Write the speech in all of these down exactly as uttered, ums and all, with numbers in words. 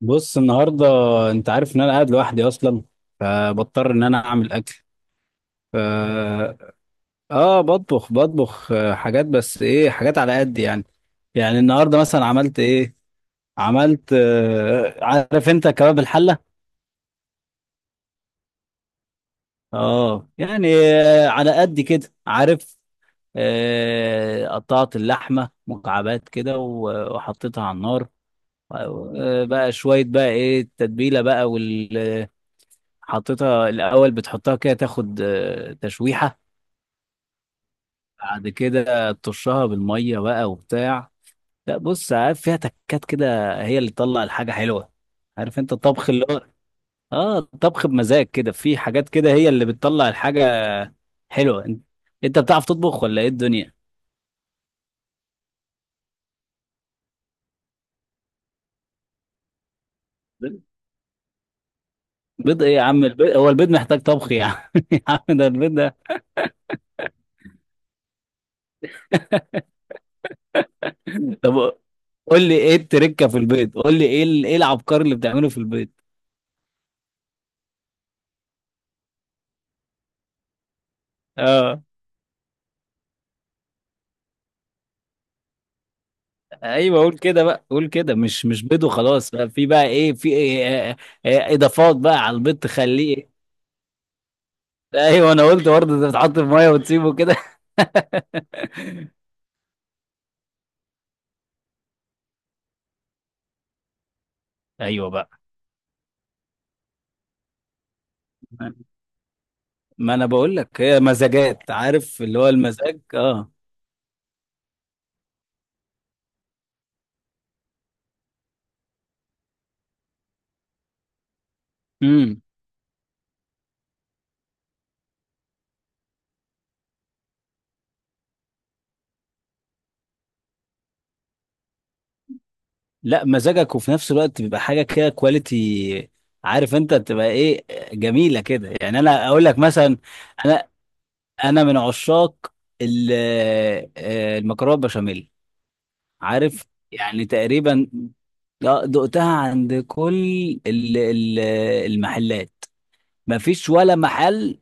بص النهارده، انت عارف ان انا قاعد لوحدي اصلا، فبضطر ان انا اعمل اكل. ف اه بطبخ بطبخ آه، حاجات. بس ايه؟ حاجات على قد يعني. يعني النهارده مثلا عملت ايه؟ عملت آه، عارف انت كباب الحله. اه يعني آه، على قد كده عارف. آه، قطعت اللحمه مكعبات كده و- وحطيتها على النار. آه، بقى شويه بقى ايه التتبيله بقى. حطيتها الاول، بتحطها كده تاخد آه، تشويحه. بعد كده ترشها بالميه بقى وبتاع. لا بص، عارف فيها تكات كده هي اللي تطلع الحاجه حلوه. عارف انت الطبخ اللي هو اه الطبخ بمزاج كده، في حاجات كده هي اللي بتطلع الحاجه حلوه. انت انت بتعرف تطبخ ولا ايه الدنيا؟ بيض. بيض ايه يا عم؟ البيض هو البيض محتاج طبخ يا عم؟ يا عم ده البيض ده. طب قول لي ايه التركه في البيض، قول لي ايه ال- ايه العبقري اللي بتعمله في البيض. اه ايوه، قول كده بقى، قول كده، مش مش بيض وخلاص بقى، في بقى ايه؟ في إيه آه، آه، اضافات بقى على البيض تخليه إيه؟ ايوه انا قلت برضه انت بتحط في ميه وتسيبه كده. ايوه بقى. ما انا بقول لك، هي مزاجات. عارف اللي هو المزاج. اه. امم لا، مزاجك وفي نفس الوقت بيبقى حاجه كده كواليتي. عارف انت بتبقى ايه، جميله كده. يعني انا اقول لك مثلا، انا انا من عشاق ال- آه، المكرونه بشاميل. عارف يعني تقريبا، لا، دقتها عند كل ال- ال- المحلات. ما فيش ولا محل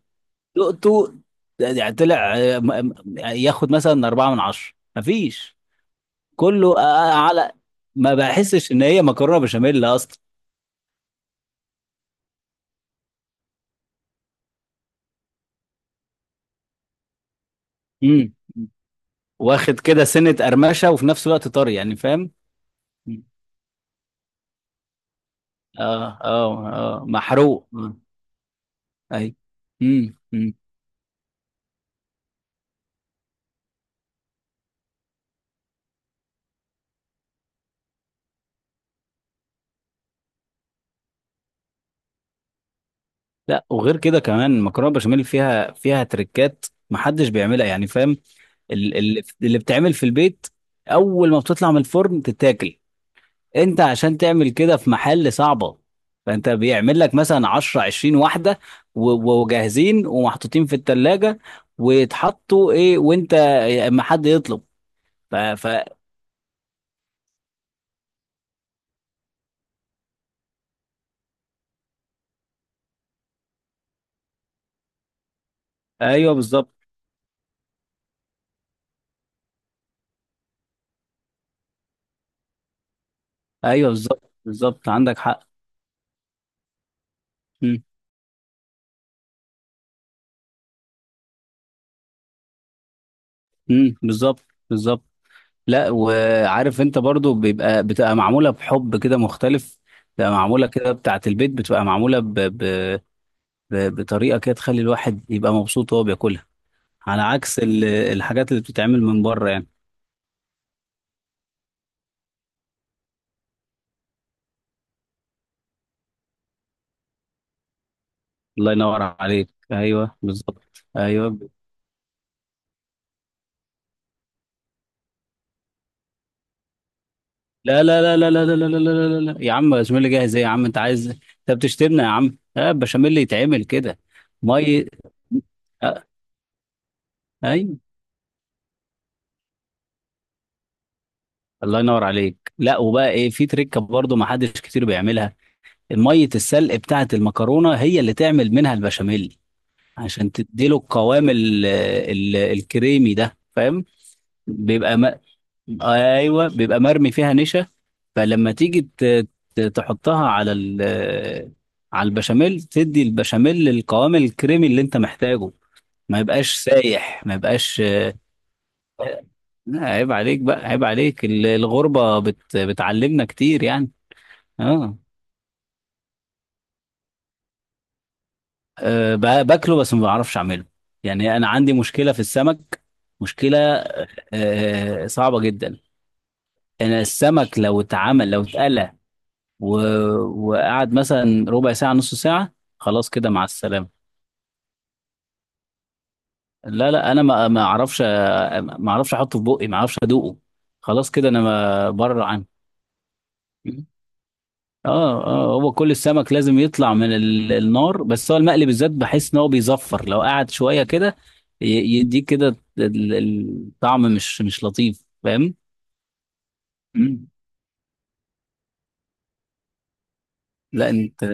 دقته. يعني طلع آه، م- م- ياخد مثلا أربعة من عشرة. ما فيش. كله أ- أ- على. ما بحسش إن هي مكرونة بشاميل أصلا. امم واخد كده سنة قرمشة وفي نفس الوقت طري، يعني فاهم؟ اه اه اه. محروق. أمم. أي. امم لا وغير كده، كمان المكرونه بشاميل فيها فيها تريكات محدش بيعملها يعني، فاهم؟ ال- ال- اللي بتعمل في البيت اول ما بتطلع من الفرن تتاكل. انت عشان تعمل كده في محل صعبه، فانت بيعمل لك مثلا عشرة عشرين واحده و- وجاهزين ومحطوطين في التلاجة، ويتحطوا ايه وانت اما حد يطلب. ف... ف... ايوه بالظبط. ايوه بالظبط بالظبط، عندك حق. امم بالظبط بالظبط. لا، وعارف انت برضو بيبقى بتبقى معموله بحب كده مختلف، بتبقى معموله كده بتاعه البيت، بتبقى معموله ب... ب... ب... بطريقه كده تخلي الواحد يبقى مبسوط وهو بياكلها. على عكس ال... الحاجات اللي بتتعمل من بره يعني. الله ينور عليك. ايوه بالظبط. ايوه. لا لا لا لا لا لا لا لا لا لا لا. يا عم بشاميل جاهز ايه يا عم، انت عايز انت بتشتمنا يا عم؟ اه بشاميل يتعمل كده. مي آه، ايوه. الله ينور عليك. لا وبقى ايه، في تريكه برضو ما حدش كتير بيعملها. ميه السلق بتاعه المكرونه هي اللي تعمل منها البشاميل، عشان تديله القوام ال ال الكريمي ده، فاهم؟ بيبقى م... ايوه بيبقى مرمي فيها نشا، فلما تيجي ت- ت- تحطها على ال على البشاميل، تدي البشاميل القوام الكريمي اللي انت محتاجه. ما يبقاش سايح، ما يبقاش. لا، عيب عليك بقى، عيب عليك. ال- الغربة بت... بتعلمنا كتير يعني. اه. أه، ب- باكله بس ما بعرفش اعمله. يعني انا عندي مشكله في السمك. مشكله. أه صعبه جدا. انا السمك لو اتعمل، لو اتقلى و... وقعد مثلا ربع ساعه نص ساعه، خلاص كده مع السلامه. لا لا، انا ما ما اعرفش، ما اعرفش احطه في بقي، ما اعرفش ادوقه. خلاص كده، انا ما بره عنه. اه اه، هو كل السمك لازم يطلع من ال- النار. بس هو المقلي بالذات بحس ان هو بيزفر لو قعد شويه كده ي- يديك كده ال- ال- الطعم مش مش لطيف، فاهم؟ مم. لا انت.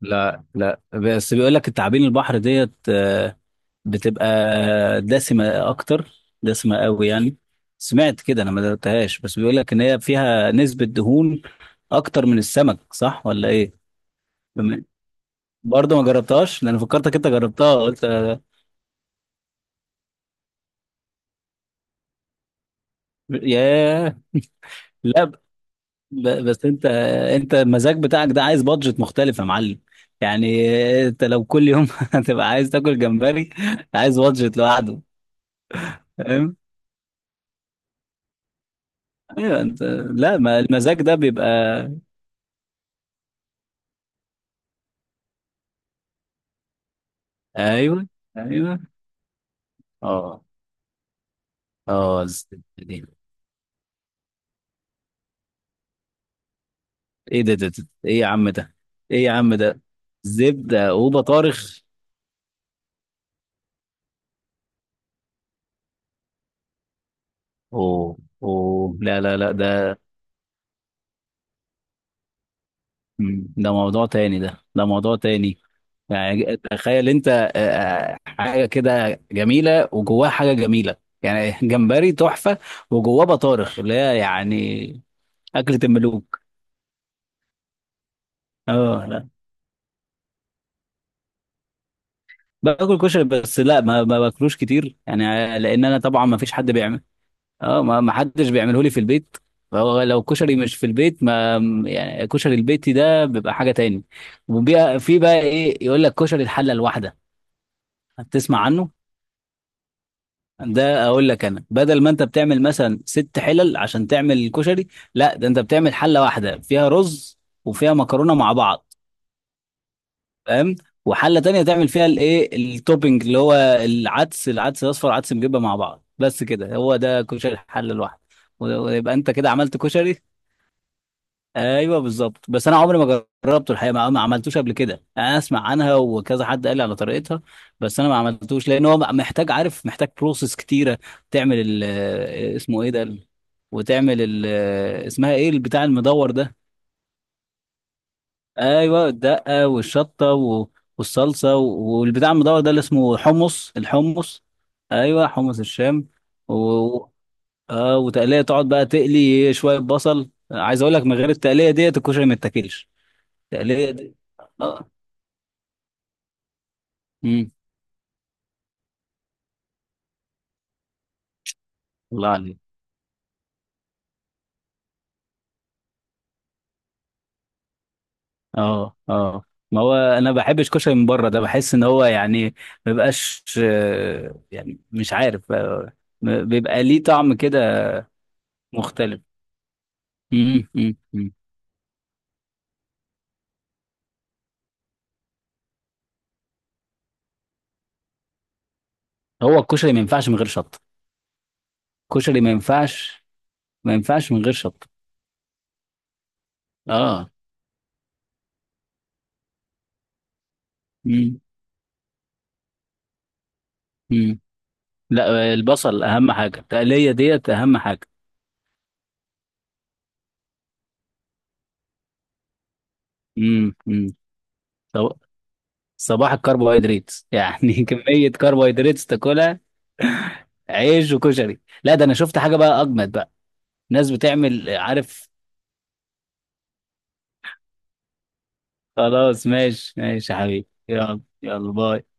لا لا، بس بيقول لك التعابين البحر ديت آه، بتبقى دسمه اكتر، دسمه قوي يعني. سمعت كده، انا ما دقتهاش، بس بيقول لك ان هي فيها نسبه دهون اكتر من السمك، صح ولا ايه؟ بم- برضه ما جربتهاش، لان فكرتك انت جربتها، قلت ياه. لا ب- ب- بس انت، انت المزاج بتاعك ده عايز بادجت مختلف يا معلم. يعني انت لو كل يوم هتبقى عايز تاكل جمبري، عايز بادجت لوحده، فاهم؟ ايوه. انت لا ما المزاج ده بيبقى. ايوه ايوه. اه اه. الزبدة دي. ايه ده, ده, ده ايه يا عم ده؟ ايه يا عم ده، زبدة وبطارخ؟ اوه اوه. لا لا لا ده. مم، ده موضوع تاني، ده ده موضوع تاني. يعني تخيل انت آه، حاجه كده جميله وجواها حاجه جميله، يعني جمبري تحفه وجواه بطارخ، اللي هي يعني اكله الملوك. اه لا، باكل كشري بس، لا ما ما باكلوش كتير يعني، آه، لان انا طبعا ما فيش حد بيعمل. اه، ما ما حدش بيعمله لي في البيت، فهو لو كشري مش في البيت ما... يعني كشري البيتي ده بيبقى حاجه تاني. وبيبقى في بقى ايه، يقول لك كشري الحله الواحده، هتسمع عنه. ده اقول لك، انا بدل ما انت بتعمل مثلا ست حلل عشان تعمل الكشري، لا ده انت بتعمل حله واحده فيها رز وفيها مكرونه مع بعض، فاهم؟ وحله تانية تعمل فيها الايه التوبينج، اللي هو العدس، العدس الاصفر، عدس مجبه مع بعض، بس كده. هو ده كشري الحله الواحده. و- ويبقى انت كده عملت كشري. ايوه بالظبط. بس انا عمري ما جربته الحقيقه، ما ما عملتوش قبل كده، انا اسمع عنها وكذا حد قال لي على طريقتها، بس انا ما عملتوش لان هو محتاج عارف، محتاج بروسيس كتيره. تعمل ال آه، اسمه ايه ده ال- وتعمل ال آه، اسمها ايه البتاع المدور ده. ايوه الدقه والشطه و- والصلصه و- والبتاع المدور ده اللي اسمه حمص الحمص. ايوه حمص الشام. و... اه وتقليه. تقعد بقى تقلي شويه بصل، عايز اقول لك من غير التقليه ديت الكشري ما يتاكلش. تقلية دي. اه. امم الله عليك. اه اه، ما هو انا ما بحبش كشري من بره، ده بحس ان هو يعني ما بيبقاش آه، يعني مش عارف آه، م- بيبقى ليه طعم كده مختلف. امم امم أمم. هو الكشري ما ينفعش من غير شطه، الكشري ما ينفعش، ما ينفعش من غير شطه. اه. امم امم. لا آه، البصل اهم حاجه، التقليه ديت اهم حاجه. امم امم. صب- صباح الكربوهيدرات يعني. كميه كربوهيدرات تاكلها، عيش وكشري. لا ده انا شفت حاجه بقى اجمد بقى، ناس بتعمل عارف. خلاص ماشي ماشي يا حبيبي، يلا يلا باي.